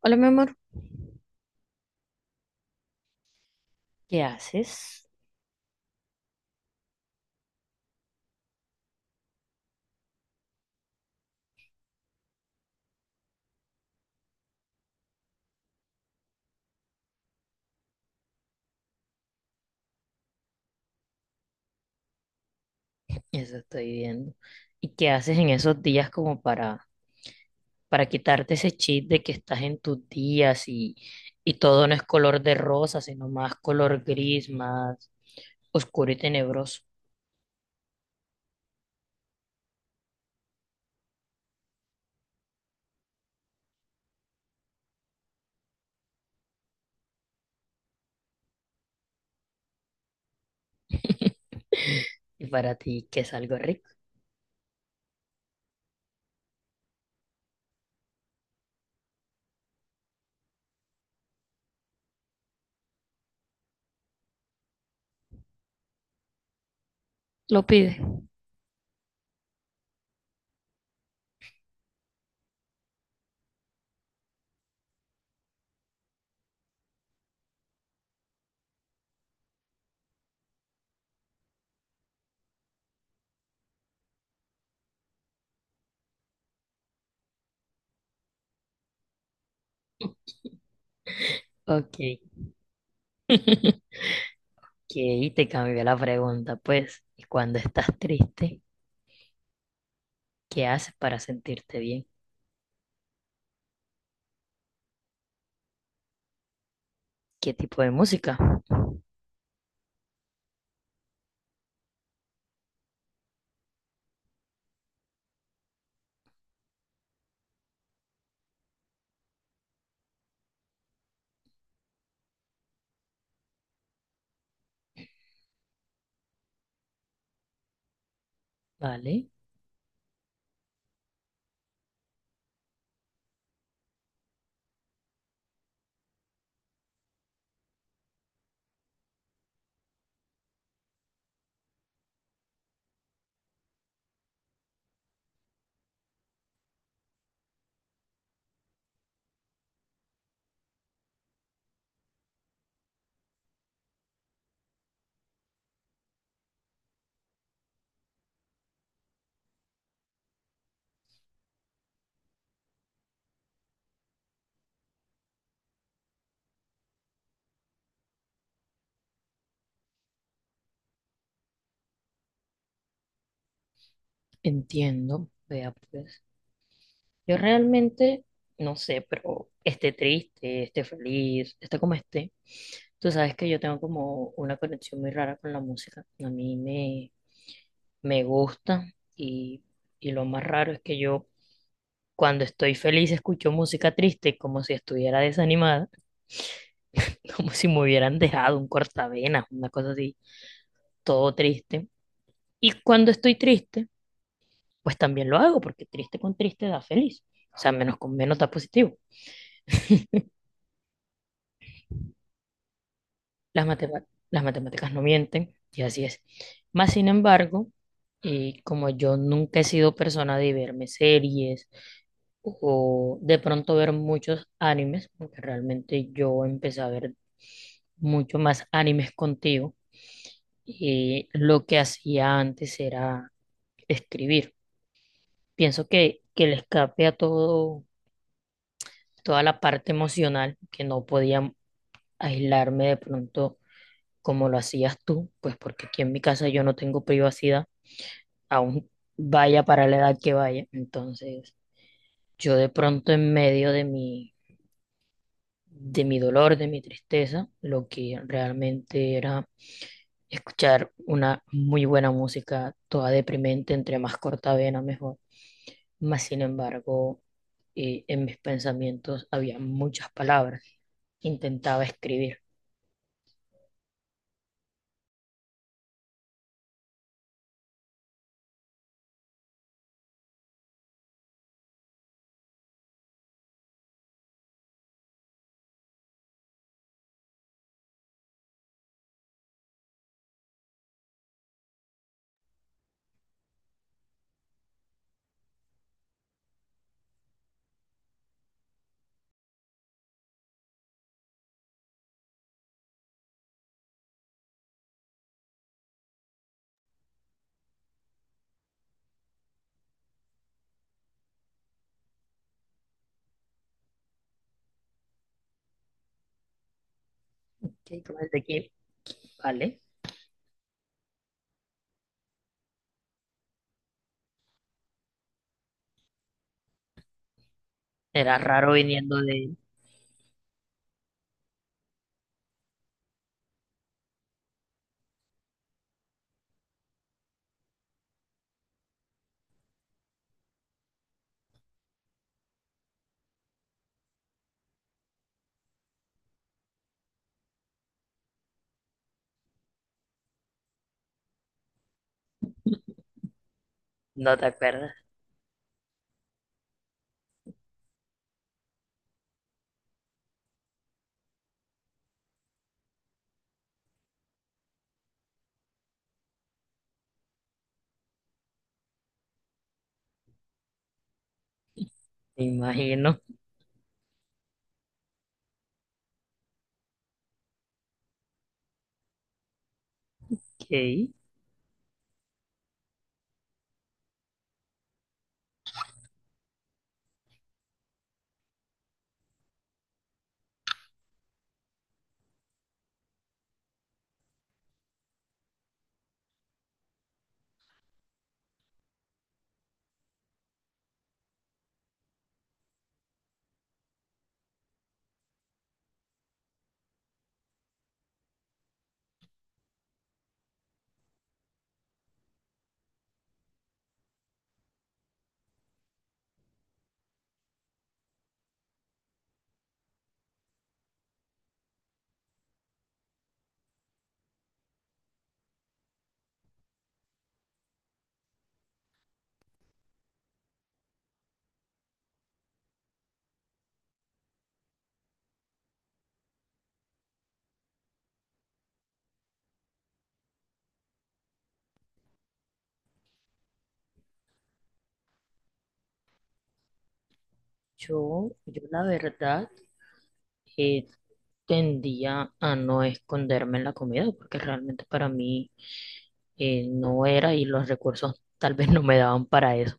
Hola, mi amor. ¿Qué haces? Eso estoy viendo. ¿Y qué haces en esos días como para quitarte ese chip de que estás en tus días y todo no es color de rosa, sino más color gris, más oscuro y tenebroso? Y para ti, ¿qué es algo rico? Lo pide. Ok. Ok, te cambió la pregunta, pues. ¿Y cuando estás triste, qué haces para sentirte bien? ¿Qué tipo de música? ¿Vale? Entiendo, vea pues. Yo realmente no sé, pero esté triste, esté feliz, esté como esté. Tú sabes que yo tengo como una conexión muy rara con la música. A mí me gusta y, y lo más raro es que yo cuando estoy feliz escucho música triste como si estuviera desanimada, como si me hubieran dejado un cortavenas, una cosa así, todo triste. Y cuando estoy triste, pues también lo hago porque triste con triste da feliz. O sea, menos con menos da positivo. Las matema- las matemáticas no mienten, y así es. Más sin embargo, como yo nunca he sido persona de verme series o de pronto ver muchos animes, porque realmente yo empecé a ver mucho más animes contigo, y lo que hacía antes era escribir. Pienso que el escape a todo, toda la parte emocional, que no podía aislarme de pronto como lo hacías tú, pues porque aquí en mi casa yo no tengo privacidad, aún vaya para la edad que vaya. Entonces, yo de pronto en medio de mi dolor, de mi tristeza, lo que realmente era escuchar una muy buena música, toda deprimente, entre más corta vena mejor. Mas sin embargo, en mis pensamientos había muchas palabras. Intentaba escribir. ¿Qué? ¿Cómo es de aquí? Vale. Era raro viniendo de... ¿No te acuerdas? Me imagino que yo la verdad eh, tendía a no esconderme en la comida porque realmente para mí no era y los recursos tal vez no me daban para eso,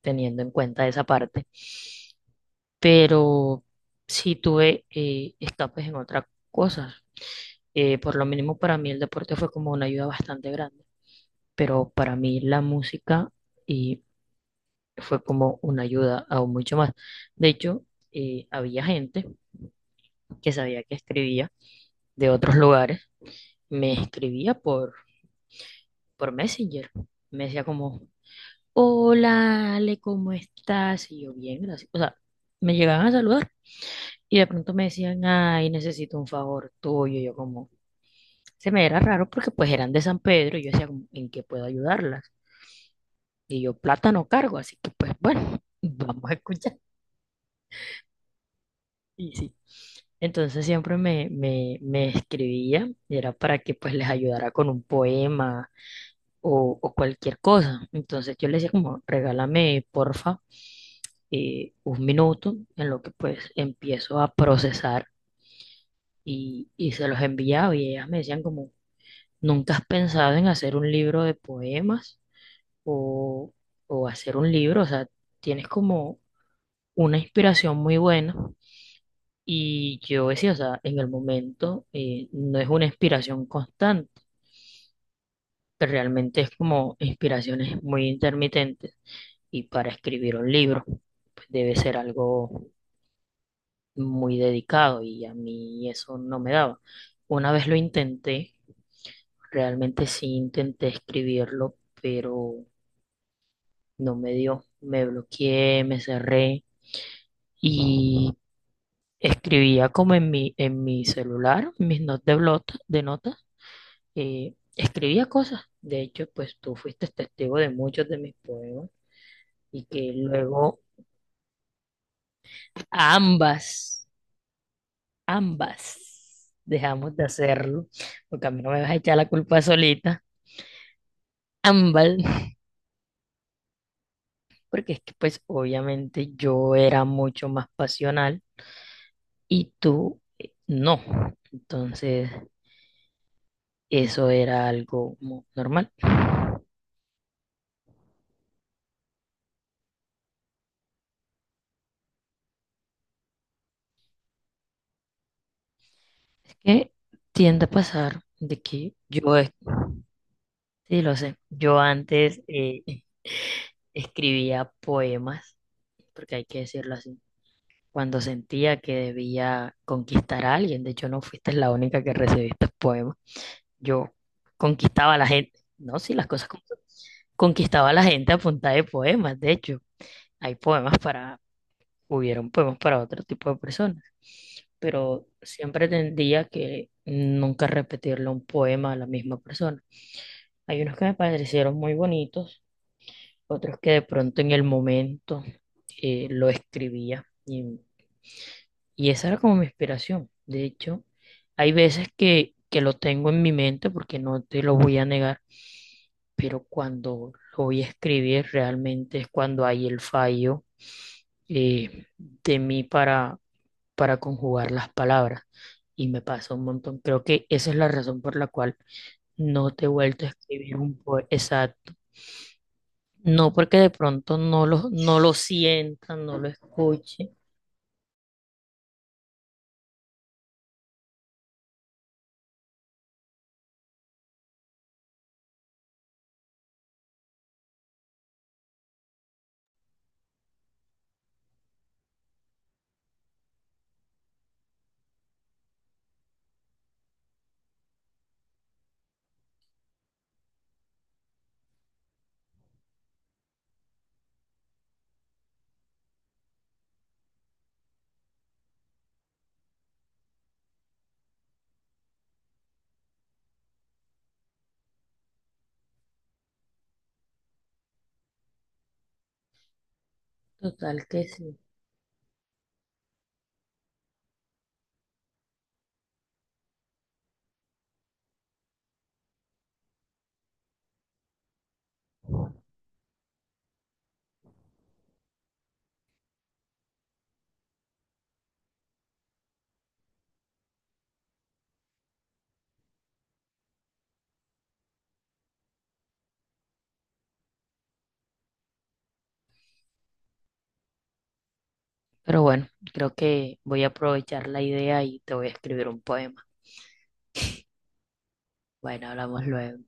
teniendo en cuenta esa parte. Pero sí tuve escapes en otras cosas. Por lo mínimo para mí el deporte fue como una ayuda bastante grande, pero para mí la música fue como una ayuda aún mucho más. De hecho, había gente que sabía que escribía de otros lugares, me escribía por Messenger. Me decía como, "Hola, Ale, ¿cómo estás?". Y yo, "Bien, gracias". O sea, me llegaban a saludar y de pronto me decían, "Ay, necesito un favor tuyo". Y yo como, se me era raro porque pues eran de San Pedro y yo decía como, "¿En qué puedo ayudarlas?". Y yo, plata no cargo, así que pues bueno, vamos a escuchar. Y sí. Entonces siempre me escribía y era para que pues les ayudara con un poema o cualquier cosa. Entonces yo les decía como, regálame porfa un minuto en lo que pues empiezo a procesar y se los enviaba y ellas me decían como, "¿Nunca has pensado en hacer un libro de poemas o, o hacer un libro? O sea, tienes como una inspiración muy buena". Y yo decía, o sea, en el momento no es una inspiración constante, pero realmente es como inspiraciones muy intermitentes. Y para escribir un libro, pues debe ser algo muy dedicado y a mí eso no me daba. Una vez lo intenté, realmente sí intenté escribirlo, pero no me dio. Me bloqueé, me cerré y escribía como en mi celular, mis notas de notas escribía cosas. De hecho, pues tú fuiste testigo de muchos de mis poemas y que luego ambas, ambas dejamos de hacerlo, porque a mí no me vas a echar la culpa solita, ambas, porque es que pues obviamente yo era mucho más pasional y tú no. Entonces, eso era algo como normal. Es que tiende a pasar de que sí, lo sé, yo antes escribía poemas, porque hay que decirlo así, cuando sentía que debía conquistar a alguien. De hecho, no fuiste la única que recibí estos poemas. Yo conquistaba a la gente. No, sí, las cosas como son. Conquistaba a la gente a punta de poemas. De hecho, hay hubieron poemas para otro tipo de personas. Pero siempre tendía que nunca repetirle un poema a la misma persona. Hay unos que me parecieron muy bonitos, otros que de pronto en el momento lo escribía. Y esa era como mi inspiración. De hecho, hay veces que lo tengo en mi mente porque no te lo voy a negar, pero cuando lo voy a escribir realmente es cuando hay el fallo de mí para conjugar las palabras. Y me pasa un montón. Creo que esa es la razón por la cual no te he vuelto a escribir un poema. Exacto. No porque de pronto no lo sienta, no lo escuche. Total que sí. Pero bueno, creo que voy a aprovechar la idea y te voy a escribir un poema. Bueno, hablamos luego.